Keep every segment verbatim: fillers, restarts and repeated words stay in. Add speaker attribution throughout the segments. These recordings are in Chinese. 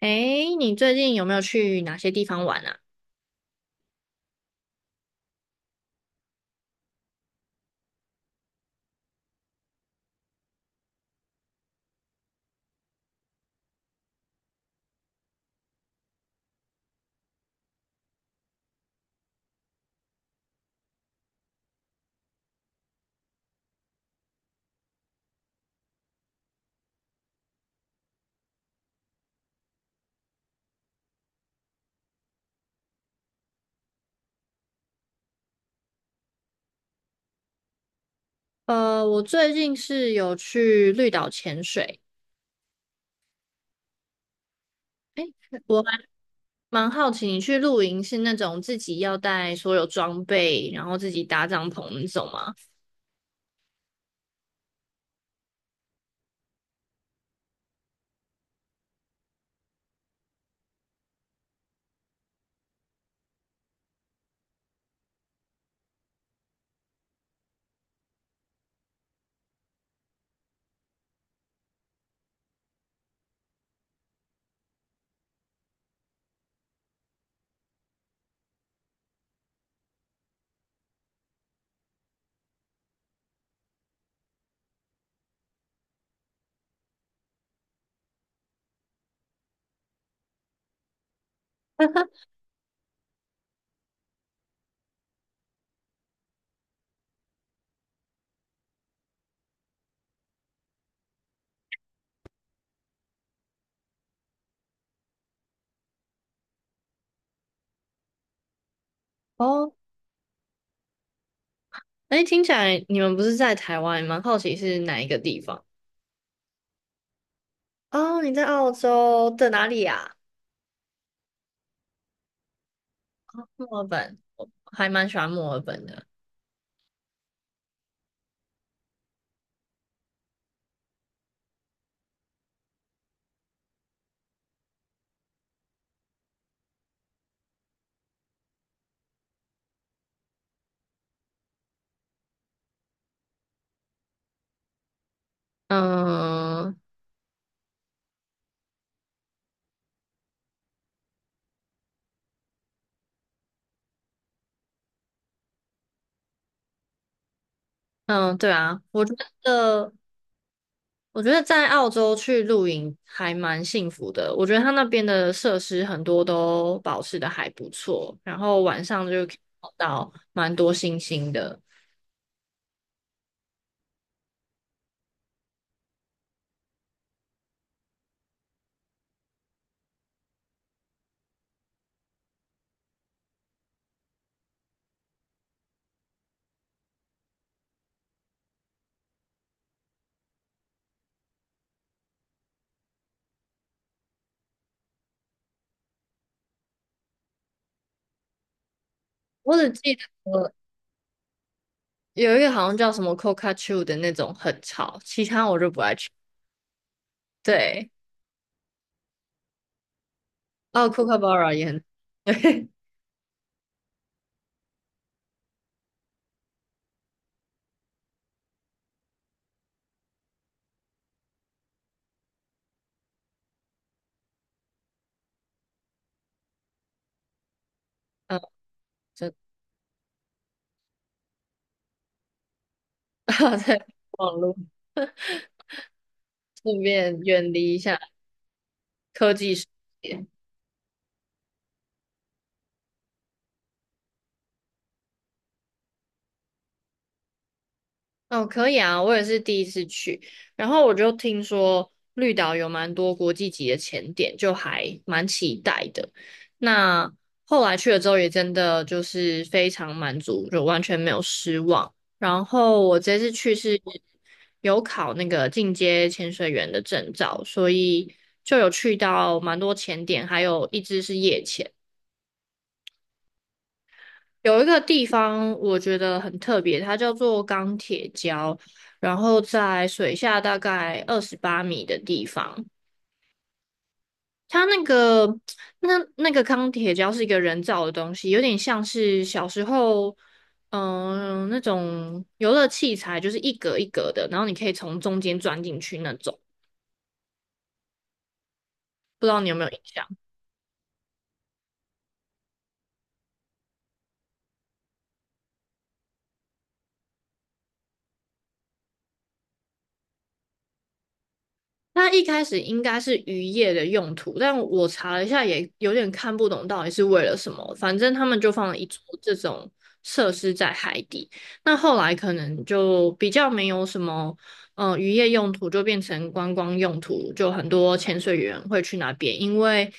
Speaker 1: 诶，你最近有没有去哪些地方玩啊？呃，我最近是有去绿岛潜水。我还蛮好奇，你去露营是那种自己要带所有装备，然后自己搭帐篷那种吗？哦，诶，听起来你们不是在台湾，蛮好奇是哪一个地方？哦，你在澳洲的哪里啊？墨尔本，我还蛮喜欢墨尔本的。嗯嗯，对啊，我觉得。我觉得在澳洲去露营还蛮幸福的。我觉得它那边的设施很多都保持的还不错，然后晚上就可以看到蛮多星星的。我只记得有一个好像叫什么 c o c k a t o o 的那种很吵，其他我就不爱去。对，哦 c o c a b a r a 也很 对，嗯，就 在网络顺便远离一下科技世界。哦，可以啊，我也是第一次去，然后我就听说绿岛有蛮多国际级的潜点，就还蛮期待的。那后来去了之后，也真的就是非常满足，就完全没有失望。然后我这次去是有考那个进阶潜水员的证照，所以就有去到蛮多潜点，还有一只是夜潜。有一个地方我觉得很特别，它叫做钢铁礁，然后在水下大概二十八米的地方。它那个那那个钢铁礁是一个人造的东西，有点像是小时候嗯、呃那种游乐器材，就是一格一格的，然后你可以从中间钻进去那种，不知道你有没有印象？它一开始应该是渔业的用途，但我查了一下，也有点看不懂到底是为了什么。反正他们就放了一座这种设施在海底。那后来可能就比较没有什么，嗯、渔业用途就变成观光用途，就很多潜水员会去那边，因为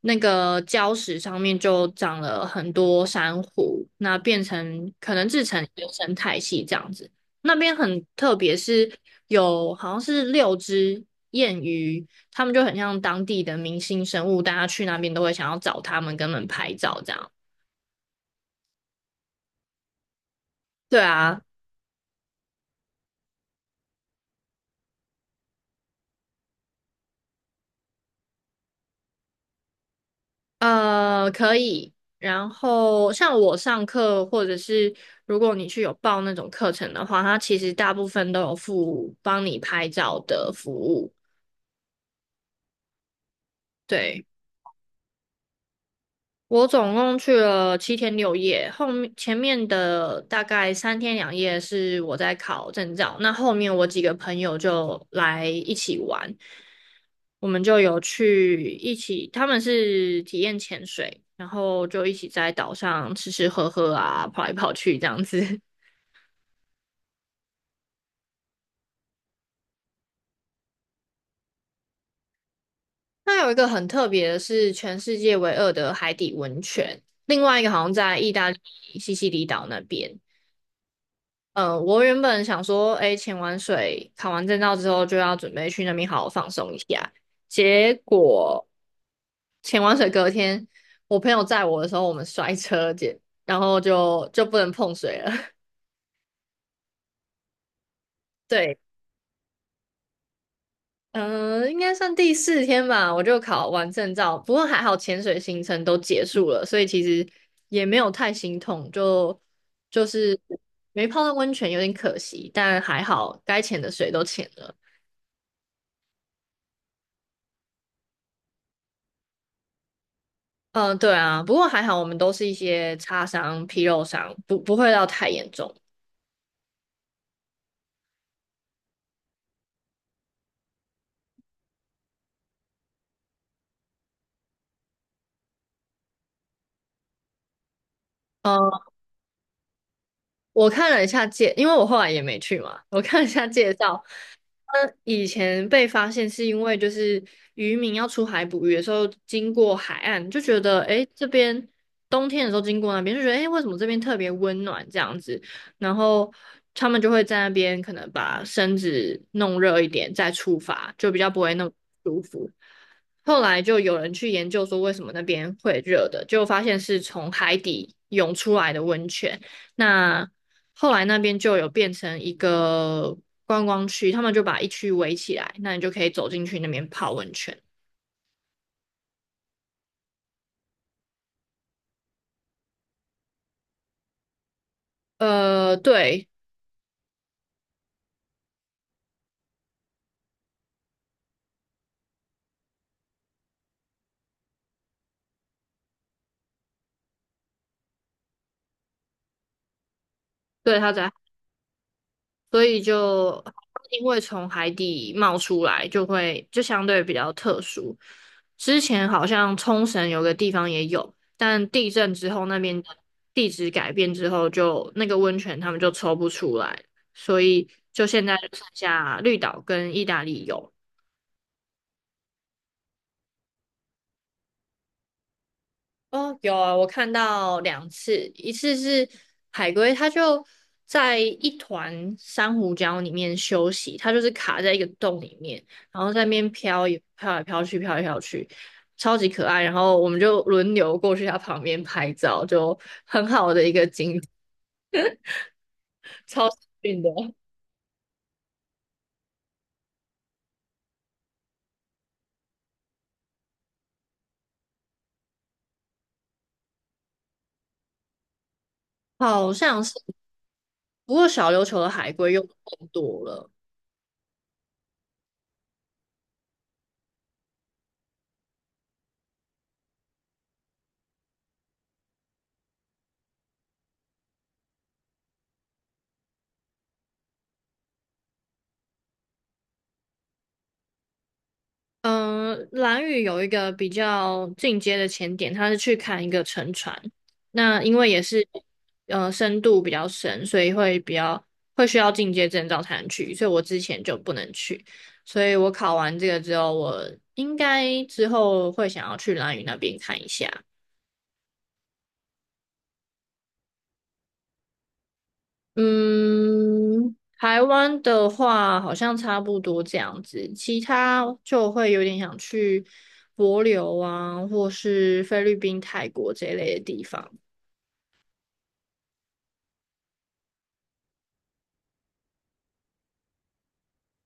Speaker 1: 那个礁石上面就长了很多珊瑚，那变成可能制成一个生态系这样子。那边很特别，是有好像是六只燕鱼，他们就很像当地的明星生物，大家去那边都会想要找他们，跟他们拍照这样。对啊，呃，可以。然后像我上课，或者是如果你去有报那种课程的话，它其实大部分都有附帮你拍照的服务。对。我总共去了七天六夜，后面前面的大概三天两夜是我在考证照，那后面我几个朋友就来一起玩，我们就有去一起，他们是体验潜水，然后就一起在岛上吃吃喝喝啊，跑来跑去这样子。那有一个很特别的是全世界唯二的海底温泉，另外一个好像在意大利西西里岛那边。嗯，我原本想说，哎，潜完水、考完证照之后，就要准备去那边好好放松一下。结果潜完水隔天，我朋友载我的时候，我们摔车，姐，然后就就不能碰水了。对，嗯、应该算第四天吧，我就考完证照，不过还好潜水行程都结束了，所以其实也没有太心痛，就就是没泡到温泉有点可惜，但还好该潜的水都潜了。嗯，对啊，不过还好，我们都是一些擦伤、皮肉伤，不不会到太严重。嗯。我看了一下介，因为我后来也没去嘛，我看了一下介绍。嗯，以前被发现是因为就是渔民要出海捕鱼的时候经过海岸，就觉得诶这边冬天的时候经过那边就觉得诶为什么这边特别温暖这样子，然后他们就会在那边可能把身子弄热一点再出发，就比较不会那么舒服。后来就有人去研究说为什么那边会热的，就发现是从海底涌出来的温泉。那后来那边就有变成一个观光区，他们就把一区围起来，那你就可以走进去那边泡温泉。呃，对，对，它在，所以就因为从海底冒出来，就会就相对比较特殊。之前好像冲绳有个地方也有，但地震之后那边的地质改变之后就那个温泉他们就抽不出来，所以就现在就剩下绿岛跟意大利有。哦，有啊，我看到两次，一次是海龟，它就在一团珊瑚礁里面休息，它就是卡在一个洞里面，然后在那边飘也飘来飘去，飘来飘去，超级可爱。然后我们就轮流过去它旁边拍照，就很好的一个景，超幸运的。好像是，不过小琉球的海龟又更多了。嗯，蓝屿有一个比较进阶的潜点，他是去看一个沉船。那因为也是，呃，深度比较深，所以会比较会需要进阶证照才能去，所以我之前就不能去。所以我考完这个之后，我应该之后会想要去蓝屿那边看一下。嗯，台湾的话好像差不多这样子，其他就会有点想去帛琉啊，或是菲律宾、泰国这一类的地方。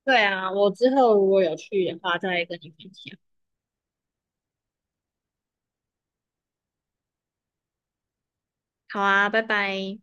Speaker 1: 对啊，我之后如果有去的话，再跟你分享。好啊，拜拜。